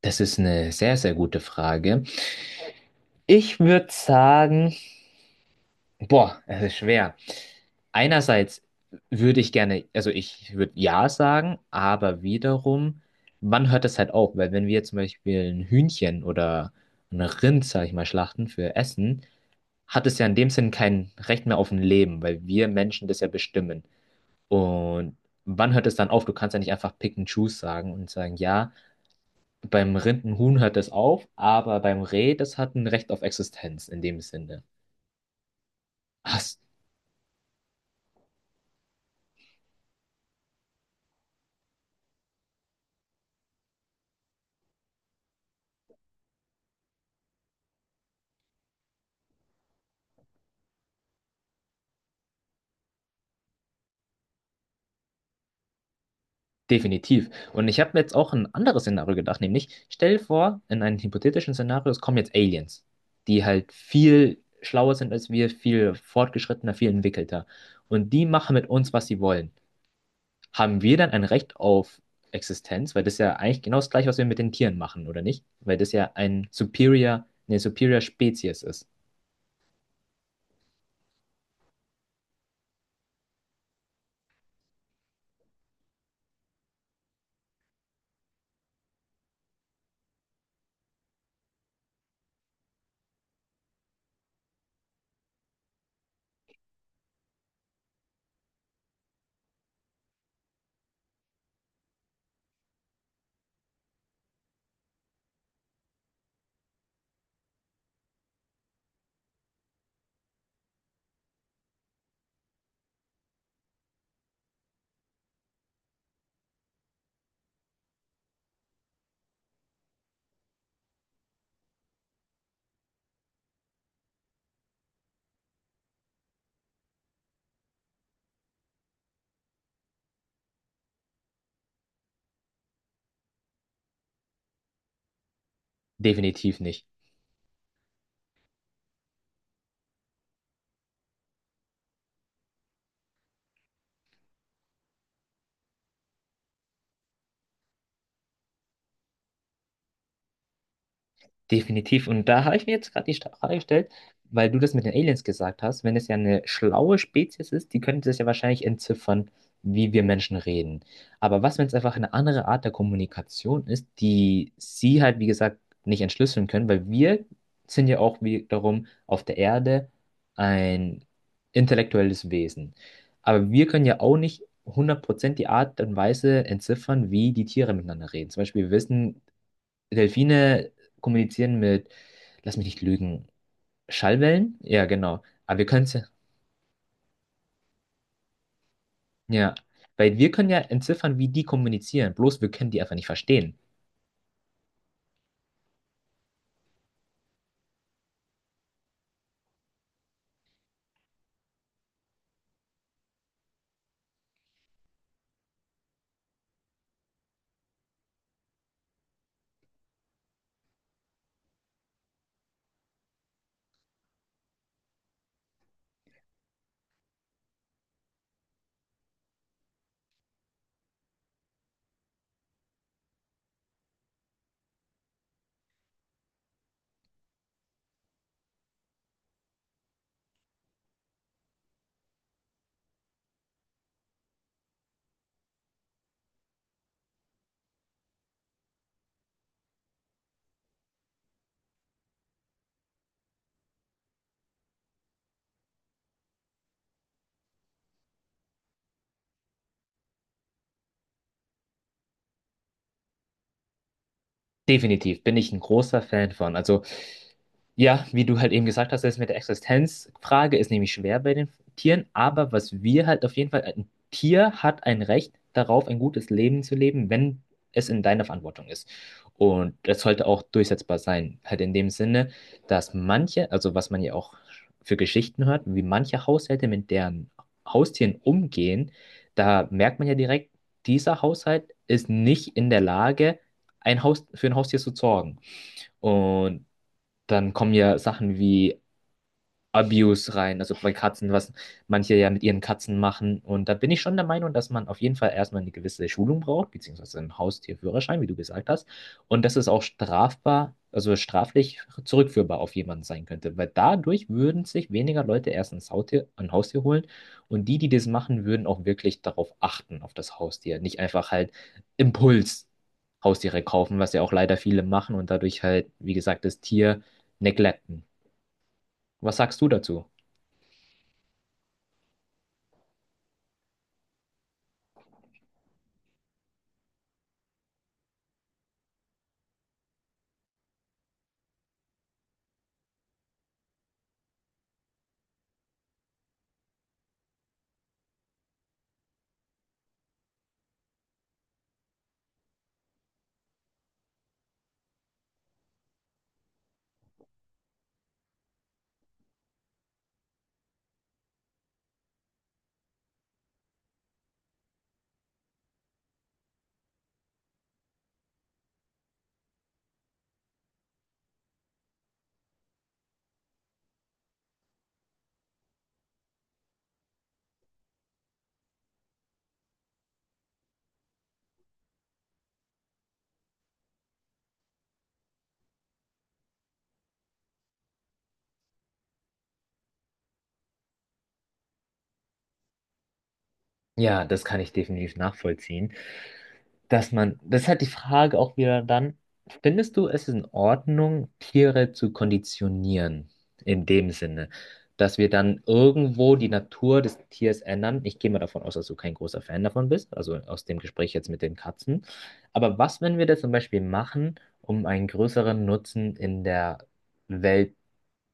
Das ist eine sehr, sehr gute Frage. Ich würde sagen, boah, es ist schwer. Einerseits würde ich gerne, also ich würde ja sagen, aber wiederum, wann hört das halt auf? Weil wenn wir zum Beispiel ein Hühnchen oder ein Rind, sag ich mal, schlachten für Essen, hat es ja in dem Sinn kein Recht mehr auf ein Leben, weil wir Menschen das ja bestimmen. Und wann hört es dann auf? Du kannst ja nicht einfach pick and choose sagen und sagen, ja. Beim Rindenhuhn hört es auf, aber beim Reh, das hat ein Recht auf Existenz in dem Sinne. Hast, definitiv. Und ich habe mir jetzt auch ein anderes Szenario gedacht, nämlich stell dir vor, in einem hypothetischen Szenario, es kommen jetzt Aliens, die halt viel schlauer sind als wir, viel fortgeschrittener, viel entwickelter. Und die machen mit uns, was sie wollen. Haben wir dann ein Recht auf Existenz? Weil das ist ja eigentlich genau das Gleiche, was wir mit den Tieren machen, oder nicht? Weil das ja ein Superior, eine Superior Spezies ist. Definitiv nicht. Definitiv. Und da habe ich mir jetzt gerade die Frage gestellt, weil du das mit den Aliens gesagt hast, wenn es ja eine schlaue Spezies ist, die könnte das ja wahrscheinlich entziffern, wie wir Menschen reden. Aber was, wenn es einfach eine andere Art der Kommunikation ist, die sie halt, wie gesagt, nicht entschlüsseln können, weil wir sind ja auch wiederum auf der Erde ein intellektuelles Wesen. Aber wir können ja auch nicht 100% die Art und Weise entziffern, wie die Tiere miteinander reden. Zum Beispiel, wir wissen, Delfine kommunizieren mit, lass mich nicht lügen, Schallwellen? Ja, genau. Aber wir können es ja, ja, weil wir können ja entziffern, wie die kommunizieren. Bloß wir können die einfach nicht verstehen. Definitiv bin ich ein großer Fan von. Also, ja, wie du halt eben gesagt hast, das mit der Existenzfrage ist nämlich schwer bei den Tieren, aber was wir halt auf jeden Fall, ein Tier hat ein Recht darauf, ein gutes Leben zu leben, wenn es in deiner Verantwortung ist. Und das sollte auch durchsetzbar sein. Halt in dem Sinne, dass manche, also was man ja auch für Geschichten hört, wie manche Haushalte mit deren Haustieren umgehen, da merkt man ja direkt, dieser Haushalt ist nicht in der Lage, ein Haus, für ein Haustier zu sorgen. Und dann kommen ja Sachen wie Abuse rein, also bei Katzen, was manche ja mit ihren Katzen machen. Und da bin ich schon der Meinung, dass man auf jeden Fall erstmal eine gewisse Schulung braucht, beziehungsweise einen Haustierführerschein, wie du gesagt hast. Und dass es auch strafbar, also straflich zurückführbar auf jemanden sein könnte, weil dadurch würden sich weniger Leute erst ein Haustier holen und die das machen, würden auch wirklich darauf achten, auf das Haustier, nicht einfach halt Impuls Haustiere kaufen, was ja auch leider viele machen und dadurch halt, wie gesagt, das Tier neglecten. Was sagst du dazu? Ja, das kann ich definitiv nachvollziehen. Dass man, das ist halt die Frage auch wieder dann, findest du, es ist in Ordnung, Tiere zu konditionieren? In dem Sinne, dass wir dann irgendwo die Natur des Tiers ändern. Ich gehe mal davon aus, dass du kein großer Fan davon bist, also aus dem Gespräch jetzt mit den Katzen. Aber was, wenn wir das zum Beispiel machen, um einen größeren Nutzen in der Welt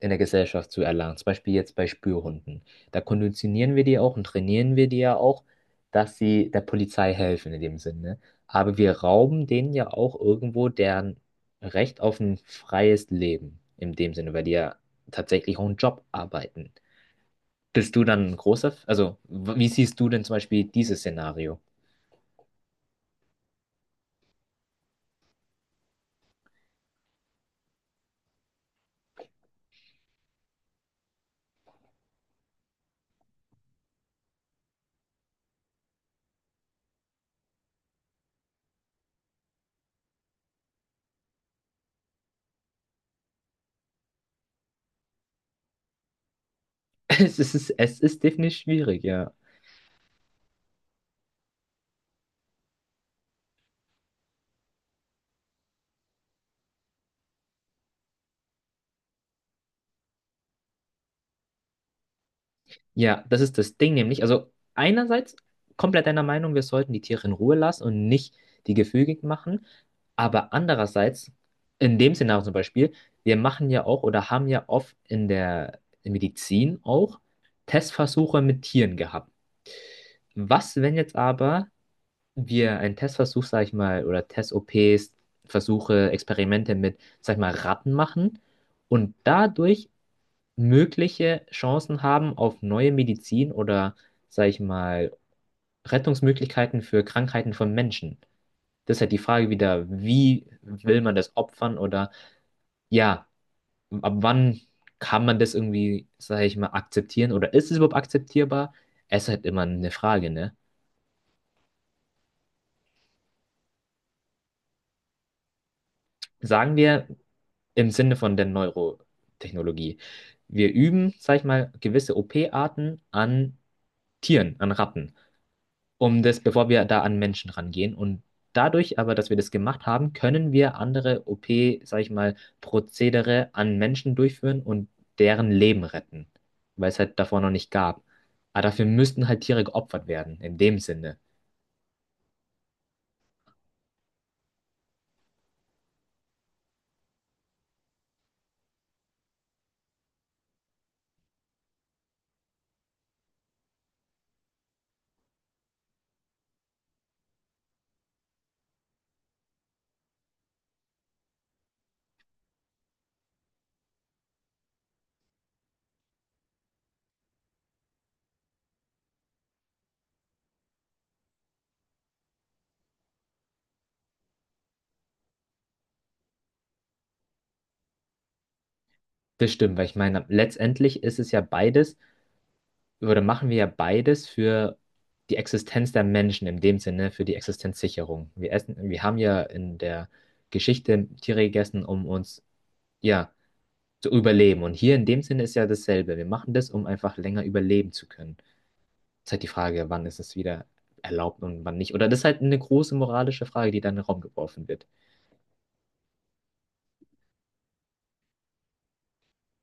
in der Gesellschaft zu erlangen. Zum Beispiel jetzt bei Spürhunden. Da konditionieren wir die ja auch und trainieren wir die ja auch, dass sie der Polizei helfen in dem Sinne. Aber wir rauben denen ja auch irgendwo deren Recht auf ein freies Leben in dem Sinne, weil die ja tatsächlich auch einen Job arbeiten. Bist du dann ein großer, wie siehst du denn zum Beispiel dieses Szenario? Es ist definitiv schwierig, ja. Ja, das ist das Ding nämlich. Also einerseits komplett deiner Meinung, wir sollten die Tiere in Ruhe lassen und nicht die gefügig machen. Aber andererseits, in dem Szenario zum Beispiel, wir machen ja auch oder haben ja oft in der Medizin auch Testversuche mit Tieren gehabt. Was, wenn jetzt aber wir einen Testversuch, sag ich mal, oder Test-OPs, Versuche, Experimente mit, sag ich mal, Ratten machen und dadurch mögliche Chancen haben auf neue Medizin oder, sag ich mal, Rettungsmöglichkeiten für Krankheiten von Menschen. Das ist halt die Frage wieder, wie will man das opfern oder ja, ab wann kann man das irgendwie, sag ich mal, akzeptieren oder ist es überhaupt akzeptierbar? Es ist halt immer eine Frage, ne? Sagen wir im Sinne von der Neurotechnologie. Wir üben, sag ich mal, gewisse OP-Arten an Tieren, an Ratten. Um das, bevor wir da an Menschen rangehen. Und dadurch aber, dass wir das gemacht haben, können wir andere OP, sag ich mal, Prozedere an Menschen durchführen und deren Leben retten, weil es halt davor noch nicht gab. Aber dafür müssten halt Tiere geopfert werden, in dem Sinne. Das stimmt, weil ich meine, letztendlich ist es ja beides, oder machen wir ja beides für die Existenz der Menschen, in dem Sinne, für die Existenzsicherung. Wir essen, wir haben ja in der Geschichte Tiere gegessen, um uns, ja, zu überleben. Und hier in dem Sinne ist ja dasselbe. Wir machen das, um einfach länger überleben zu können. Ist halt die Frage, wann ist es wieder erlaubt und wann nicht. Oder das ist halt eine große moralische Frage, die dann in den Raum geworfen wird.